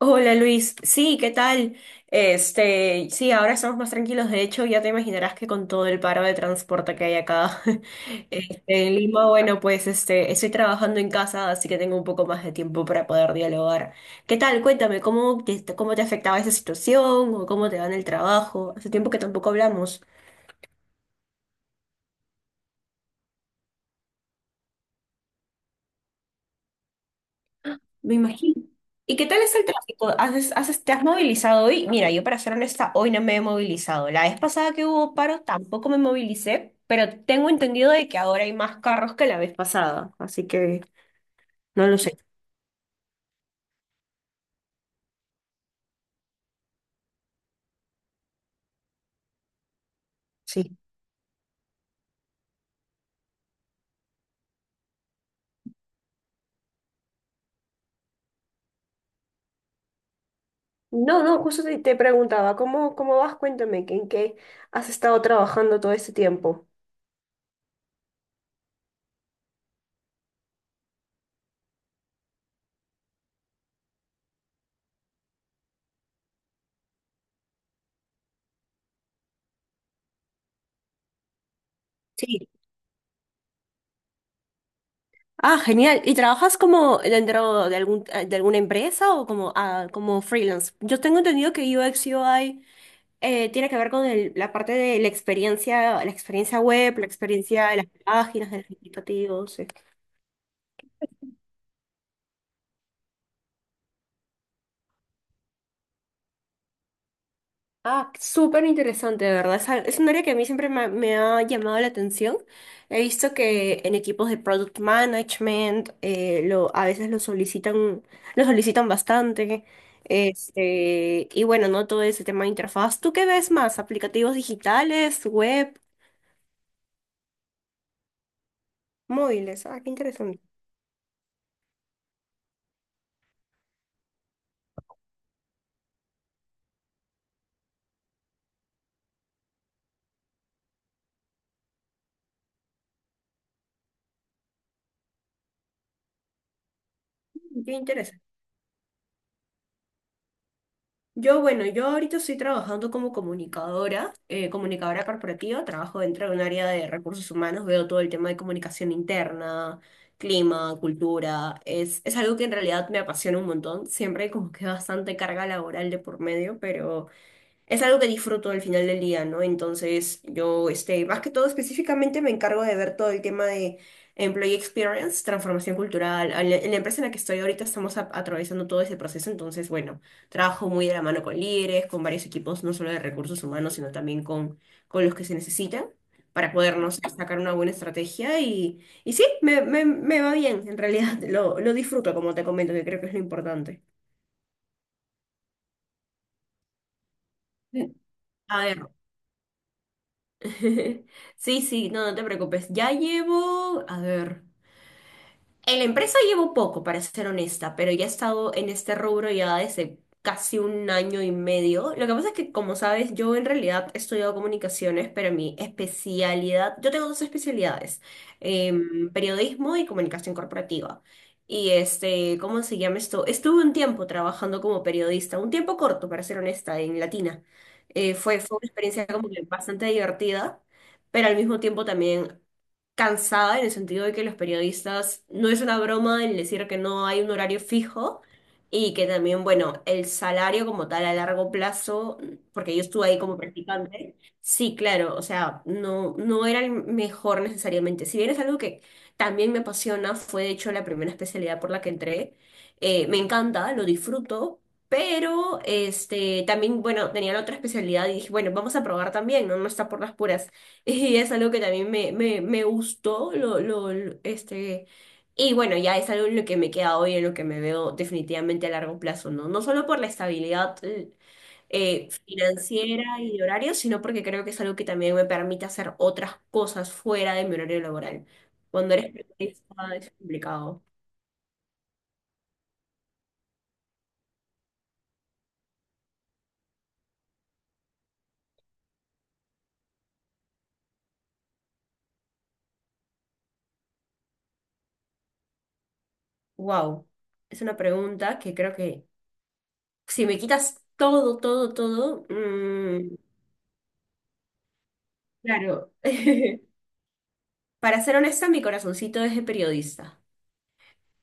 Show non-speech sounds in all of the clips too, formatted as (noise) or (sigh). Hola Luis, sí, ¿qué tal? Sí, ahora estamos más tranquilos. De hecho, ya te imaginarás que con todo el paro de transporte que hay acá (laughs) en Lima, bueno, pues estoy trabajando en casa, así que tengo un poco más de tiempo para poder dialogar. ¿Qué tal? Cuéntame, ¿cómo te afectaba esa situación o cómo te va en el trabajo? Hace tiempo que tampoco hablamos. Me imagino. ¿Y qué tal es el tráfico? ¿Te has movilizado hoy? Mira, yo para ser honesta, hoy no me he movilizado. La vez pasada que hubo paro tampoco me movilicé, pero tengo entendido de que ahora hay más carros que la vez pasada, así que no lo sé. Sí. No, no, justo te preguntaba, ¿cómo vas? Cuéntame, ¿en qué has estado trabajando todo este tiempo? Sí. Ah, genial. ¿Y trabajas como dentro de algún, de alguna empresa o como, ah, como freelance? Yo tengo entendido que UX UI tiene que ver con la parte de la experiencia web, la experiencia de las páginas, de los indicativos. Ah, súper interesante, de verdad. Es un área que a mí siempre me ha llamado la atención. He visto que en equipos de product management a veces lo solicitan bastante. Y bueno, no todo ese tema de interfaz. ¿Tú qué ves más? ¿Aplicativos digitales, web, móviles? Ah, qué interesante. Qué interesante. Bueno, yo ahorita estoy trabajando como comunicadora, comunicadora corporativa, trabajo dentro de un área de recursos humanos, veo todo el tema de comunicación interna, clima, cultura, es algo que en realidad me apasiona un montón, siempre hay como que bastante carga laboral de por medio, pero es algo que disfruto al final del día, ¿no? Entonces, yo, más que todo específicamente me encargo de ver todo el tema de employee experience, transformación cultural. En la empresa en la que estoy ahorita estamos atravesando todo ese proceso, entonces, bueno, trabajo muy de la mano con líderes, con varios equipos, no solo de recursos humanos, sino también con los que se necesitan para podernos sacar una buena estrategia y, sí, me va bien, en realidad (laughs) lo disfruto, como te comento, que creo que es lo importante. A ver. (laughs) Sí, sí, no, no te preocupes. Ya llevo, a ver. En la empresa llevo poco, para ser honesta, pero ya he estado en este rubro ya desde casi un año y medio. Lo que pasa es que, como sabes, yo en realidad he estudiado comunicaciones, pero mi especialidad, yo tengo dos especialidades, periodismo y comunicación corporativa. Y ¿cómo se llama esto? Estuve un tiempo trabajando como periodista, un tiempo corto, para ser honesta, en Latina. Fue una experiencia como que bastante divertida, pero al mismo tiempo también cansada en el sentido de que los periodistas, no es una broma el decir que no hay un horario fijo y que también, bueno, el salario como tal a largo plazo, porque yo estuve ahí como practicante, sí, claro, o sea, no, no era el mejor necesariamente. Si bien es algo que también me apasiona, fue de hecho la primera especialidad por la que entré, me encanta, lo disfruto. Pero también, bueno, tenía la otra especialidad y dije, bueno, vamos a probar también, ¿no? No está por las puras. Y es algo que también me gustó, y bueno, ya es algo en lo que me queda hoy, en lo que me veo definitivamente a largo plazo, ¿no? No solo por la estabilidad financiera y de horario, sino porque creo que es algo que también me permite hacer otras cosas fuera de mi horario laboral. Cuando eres periodista es complicado. Wow, es una pregunta que creo que si me quitas todo, todo, todo, claro. (laughs) Para ser honesta, mi corazoncito es de periodista.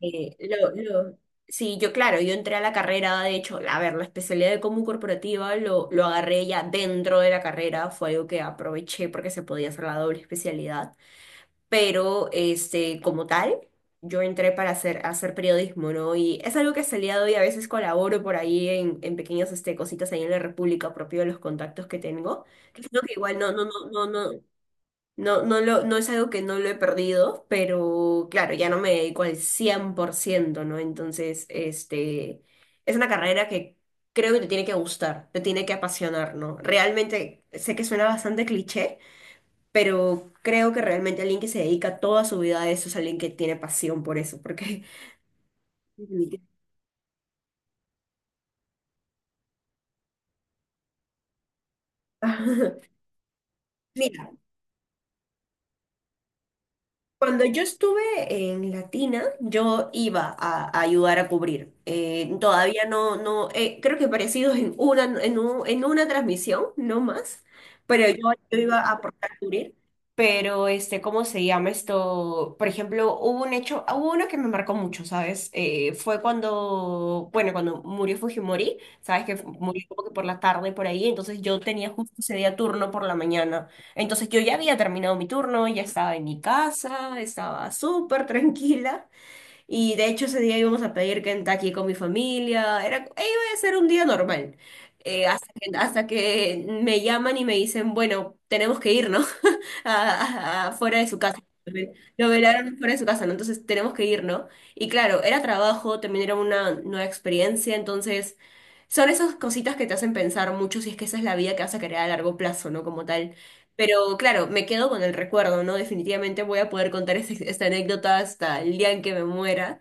Eh, lo, lo- sí, yo claro, yo entré a la carrera, de hecho, a ver, la especialidad de común corporativa lo agarré ya dentro de la carrera, fue algo que aproveché porque se podía hacer la doble especialidad, pero como tal, yo entré para hacer periodismo, ¿no? Y es algo que hasta el día de hoy a veces colaboro por ahí en, en pequeñas cositas ahí en la República, propio de los contactos que tengo, que es algo que igual no es algo que no lo he perdido, pero claro, ya no me dedico al 100%, ¿no? Entonces, es una carrera que creo que te tiene que gustar, te tiene que apasionar, ¿no? Realmente, sé que suena bastante cliché, pero creo que realmente alguien que se dedica toda su vida a eso es alguien que tiene pasión por eso, porque... (laughs) Mira, cuando yo estuve en Latina, yo iba a ayudar a cubrir. Todavía no, no, creo que parecido en una, en en una transmisión, no más, pero yo iba a aportar a cubrir. Pero, ¿cómo se llama esto? Por ejemplo, hubo un hecho, hubo uno que me marcó mucho, ¿sabes? Fue cuando, bueno, cuando murió Fujimori, ¿sabes? Que murió como que por la tarde, por ahí, entonces yo tenía justo ese día turno por la mañana. Entonces yo ya había terminado mi turno, ya estaba en mi casa, estaba súper tranquila y de hecho ese día íbamos a pedir Kentucky con mi familia, era, e iba a ser un día normal. Hasta que me llaman y me dicen, bueno, tenemos que ir, ¿no? (laughs) Fuera de su casa. Lo velaron fuera de su casa, ¿no? Entonces tenemos que ir, ¿no? Y claro, era trabajo, también era una nueva experiencia, entonces son esas cositas que te hacen pensar mucho si es que esa es la vida que vas a querer a largo plazo, ¿no? Como tal. Pero claro, me quedo con el recuerdo, ¿no? Definitivamente voy a poder contar esta anécdota hasta el día en que me muera,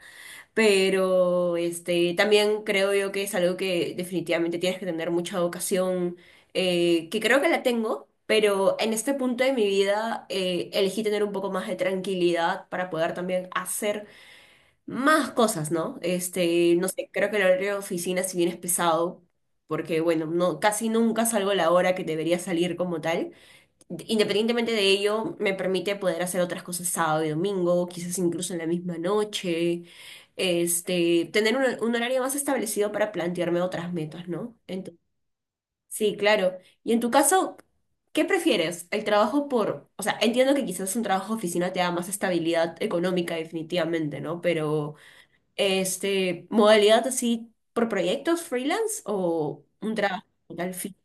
pero también creo yo que es algo que definitivamente tienes que tener mucha vocación, que creo que la tengo, pero en este punto de mi vida elegí tener un poco más de tranquilidad para poder también hacer más cosas, ¿no? No sé, creo que el horario de oficina si bien es pesado, porque bueno, no, casi nunca salgo a la hora que debería salir como tal. Independientemente de ello, me permite poder hacer otras cosas sábado y domingo, quizás incluso en la misma noche, tener un horario más establecido para plantearme otras metas, ¿no? Entonces, sí, claro. Y en tu caso, ¿qué prefieres? El trabajo por, o sea, entiendo que quizás un trabajo de oficina te da más estabilidad económica definitivamente, ¿no? Pero, modalidad así por proyectos freelance o un trabajo al fin.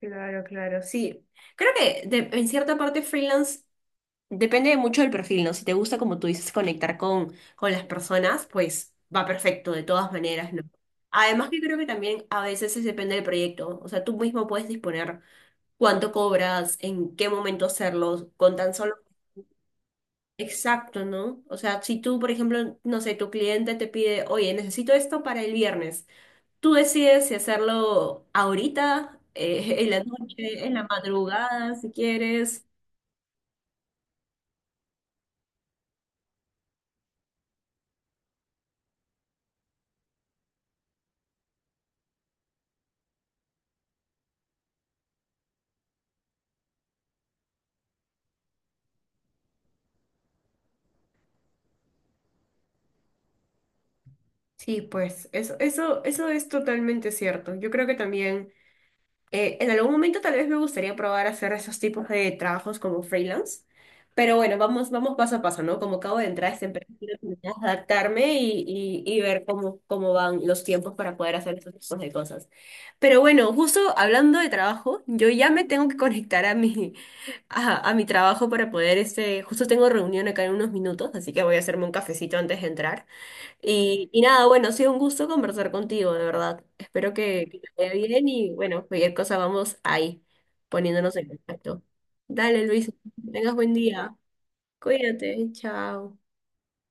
Claro, claro, sí. Creo que en cierta parte freelance depende mucho del perfil, ¿no? Si te gusta, como tú dices, conectar con las personas, pues va perfecto de todas maneras, ¿no? Además que creo que también a veces es depende del proyecto, o sea, tú mismo puedes disponer cuánto cobras, en qué momento hacerlo, con tan solo... Exacto, ¿no? O sea, si tú, por ejemplo, no sé, tu cliente te pide, oye, necesito esto para el viernes. Tú decides si hacerlo ahorita, en la noche, en la madrugada, si quieres. Sí, pues eso es totalmente cierto. Yo creo que también, en algún momento tal vez me gustaría probar hacer esos tipos de trabajos como freelance, pero bueno, vamos, vamos paso a paso, ¿no? Como acabo de entrar a esta empresa, quiero terminar de adaptarme y ver cómo van los tiempos para poder hacer esos tipos de cosas. Pero bueno, justo hablando de trabajo, yo ya me tengo que conectar a mi trabajo para poder, justo tengo reunión acá en unos minutos, así que voy a hacerme un cafecito antes de entrar. Y nada, bueno, ha sido un gusto conversar contigo, de verdad. Espero que te vaya bien y bueno, cualquier cosa vamos ahí, poniéndonos en contacto. Dale, Luis, que tengas buen día. Cuídate, chao.